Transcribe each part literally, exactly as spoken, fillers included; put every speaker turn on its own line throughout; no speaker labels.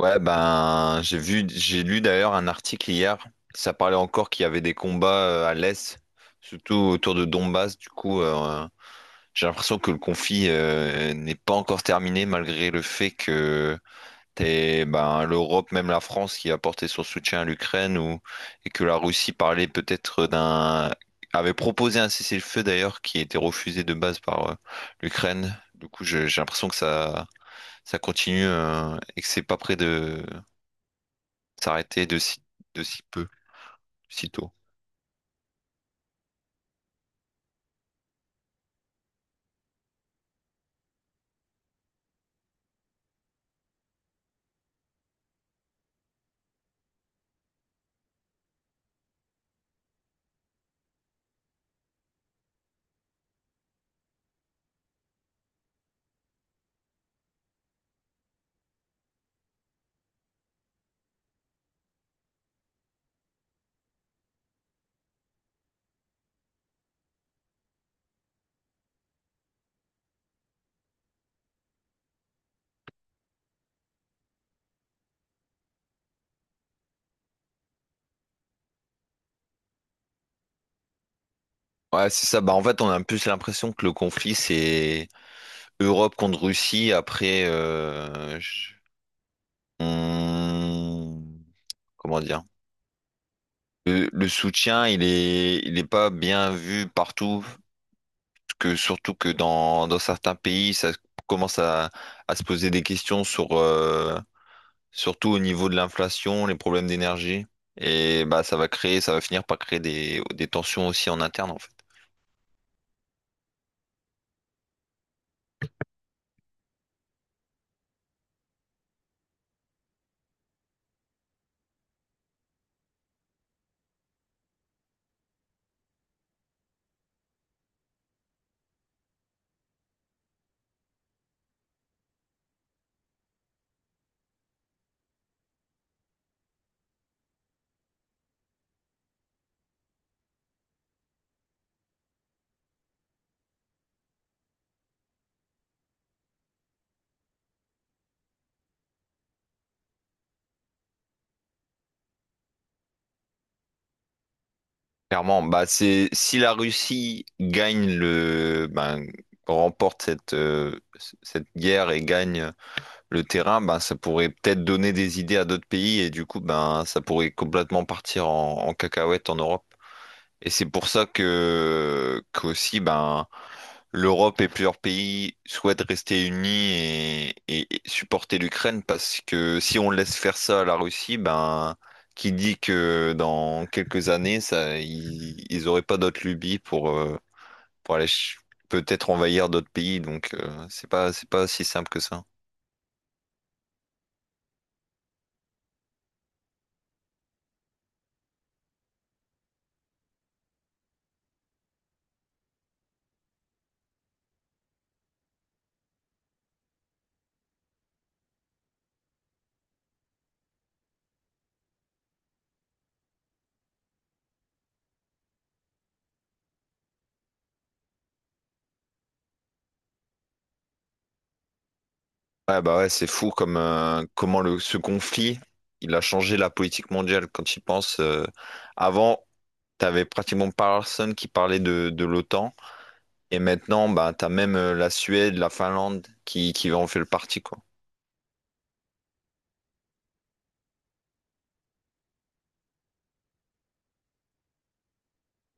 Ouais, ben, j'ai vu, j'ai lu d'ailleurs un article hier. Ça parlait encore qu'il y avait des combats euh, à l'Est, surtout autour de Donbass. Du coup, euh, j'ai l'impression que le conflit euh, n'est pas encore terminé, malgré le fait que t'es, ben, l'Europe, même la France, qui a apporté son soutien à l'Ukraine, ou, et que la Russie parlait peut-être d'un, avait proposé un cessez-le-feu d'ailleurs, qui a été refusé de base par euh, l'Ukraine. Du coup, je- j'ai l'impression que ça, ça continue euh, et que c'est pas près de s'arrêter de si, de si peu, si tôt. Ouais, c'est ça. Bah, en fait, on a plus l'impression que le conflit, c'est Europe contre Russie. Après, euh, je- on- comment dire? Le, le soutien, il est, il est pas bien vu partout. Que, surtout que dans, dans certains pays, ça commence à, à se poser des questions sur, euh, surtout au niveau de l'inflation, les problèmes d'énergie. Et bah, ça va créer, ça va finir par créer des, des tensions aussi en interne, en fait. Clairement, bah c'est si la Russie gagne le ben, remporte cette, euh, c- cette guerre et gagne le terrain, ben ça pourrait peut-être donner des idées à d'autres pays et du coup ben ça pourrait complètement partir en, en cacahuète en Europe. Et c'est pour ça que qu'aussi ben l'Europe et plusieurs pays souhaitent rester unis et, et- et supporter l'Ukraine parce que si on laisse faire ça à la Russie, ben qui dit que dans quelques années ça ils, ils auraient pas d'autres lubies pour euh, pour aller ch- peut-être envahir d'autres pays donc euh, c'est pas c'est pas si simple que ça. Ouais bah ouais c'est fou comme euh, comment le ce conflit il a changé la politique mondiale quand il pense avant. T'avais pratiquement personne qui parlait de, de l'OTAN. Et maintenant, bah, t'as même euh, la Suède, la Finlande qui, qui en fait le parti, quoi.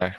Ouais.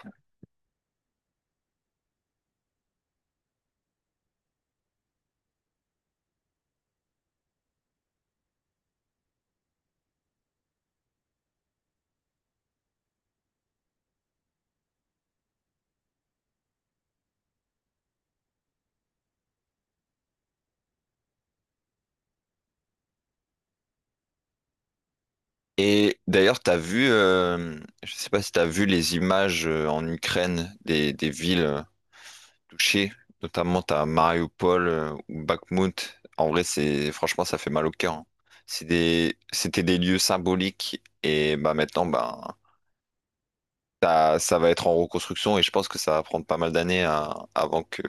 Et d'ailleurs, t'as vu, euh, je sais pas si t'as vu les images euh, en Ukraine des, des villes euh, touchées, notamment t'as Mariupol euh, ou Bakhmut. En vrai, c'est franchement, ça fait mal au cœur, hein. C'est des, c'était des lieux symboliques et bah maintenant, bah, ça, ça va être en reconstruction et je pense que ça va prendre pas mal d'années à- avant que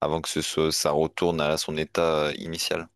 avant que ce soit, ça retourne à son état euh, initial.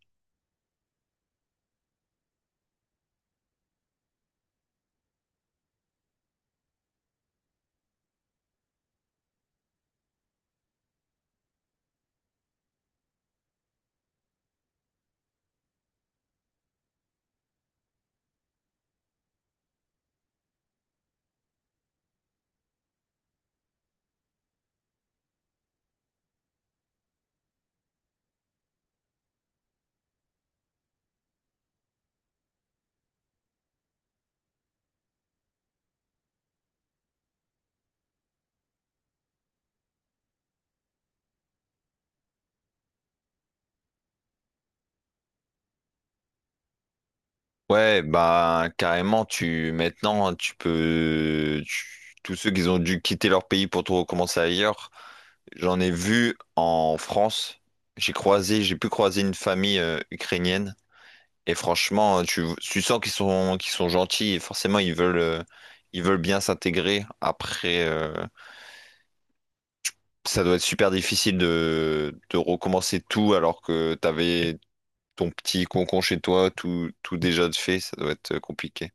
Ouais, bah carrément, tu maintenant hein, tu peux tu- tous ceux qui ont dû quitter leur pays pour tout recommencer ailleurs, j'en ai vu en France. J'ai croisé, j'ai pu croiser une famille euh, ukrainienne et franchement, tu, tu sens qu'ils sont qu'ils sont gentils et forcément ils veulent euh, ils veulent bien s'intégrer. Après, euh, ça doit être super difficile de de recommencer tout alors que t'avais ton petit concon chez toi, tout, tout déjà de fait, ça doit être euh, compliqué.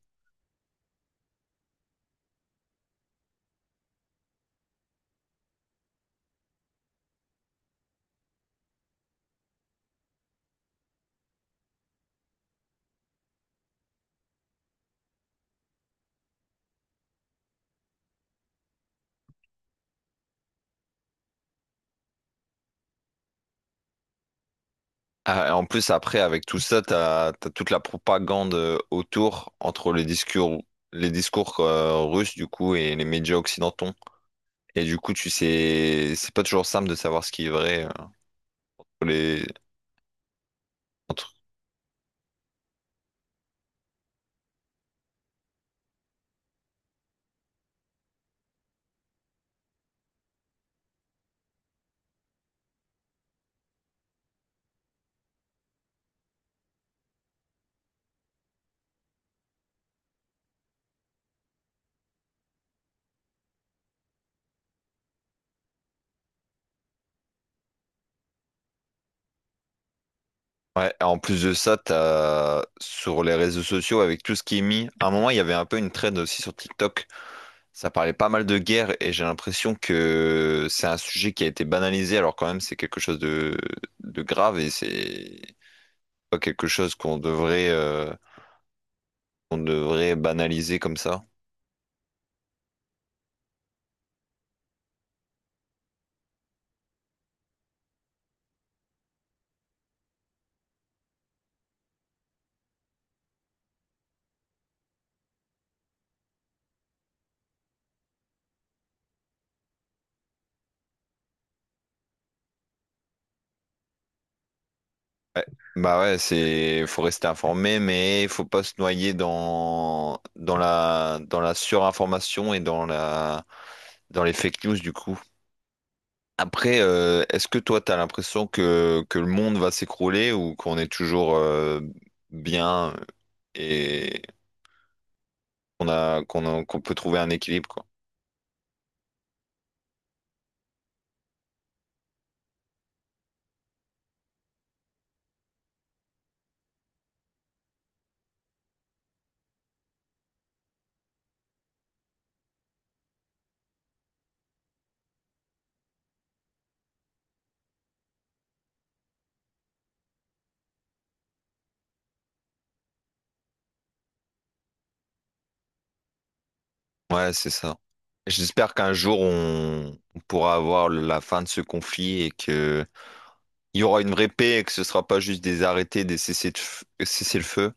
Ah, et en plus, après, avec tout ça, t'as, t'as toute la propagande euh, autour entre les discours, les discours euh, russes, du coup, et les médias occidentaux. Et du coup, tu sais, c'est pas toujours simple de savoir ce qui est vrai. euh, pour les... entre- Ouais, et en plus de ça, t'as sur les réseaux sociaux, avec tout ce qui est mis, à un moment, il y avait un peu une trend aussi sur TikTok. Ça parlait pas mal de guerre et j'ai l'impression que c'est un sujet qui a été banalisé alors quand même c'est quelque chose de, de grave et c'est pas quelque chose qu'on devrait euh, qu'on devrait banaliser comme ça. Ouais. Bah ouais, c'est faut rester informé mais faut pas se noyer dans dans la dans la surinformation et dans la dans les fake news du coup. Après, euh, est-ce que toi, tu as l'impression que, que le monde va s'écrouler ou qu'on est toujours euh, bien et qu'on a, qu'on a- qu'on peut trouver un équilibre, quoi? Ouais, c'est ça. J'espère qu'un jour, on, on pourra avoir la fin de ce conflit et que il y aura une vraie paix et que ce sera pas juste des arrêtés, des cessez le feu.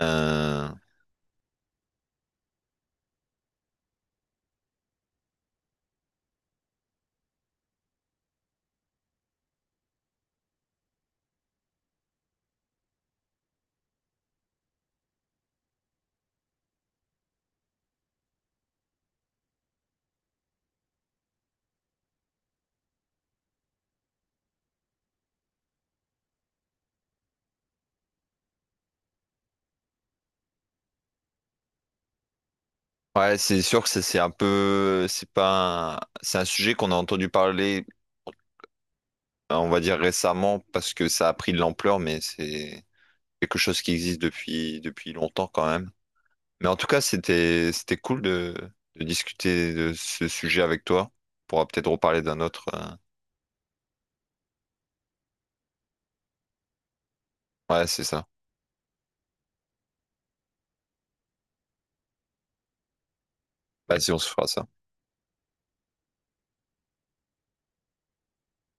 Euh, ouais, c'est sûr que ça, c'est un peu, c'est pas, un- c'est un sujet qu'on a entendu parler. Euh, on va dire récemment parce que ça a pris de l'ampleur, mais c'est quelque chose qui existe depuis, depuis longtemps quand même. Mais en tout cas, c'était, c'était cool de, de discuter de ce sujet avec toi. On pourra peut-être reparler d'un autre. euh. Ouais, c'est ça. Vas-y, on se fera ça.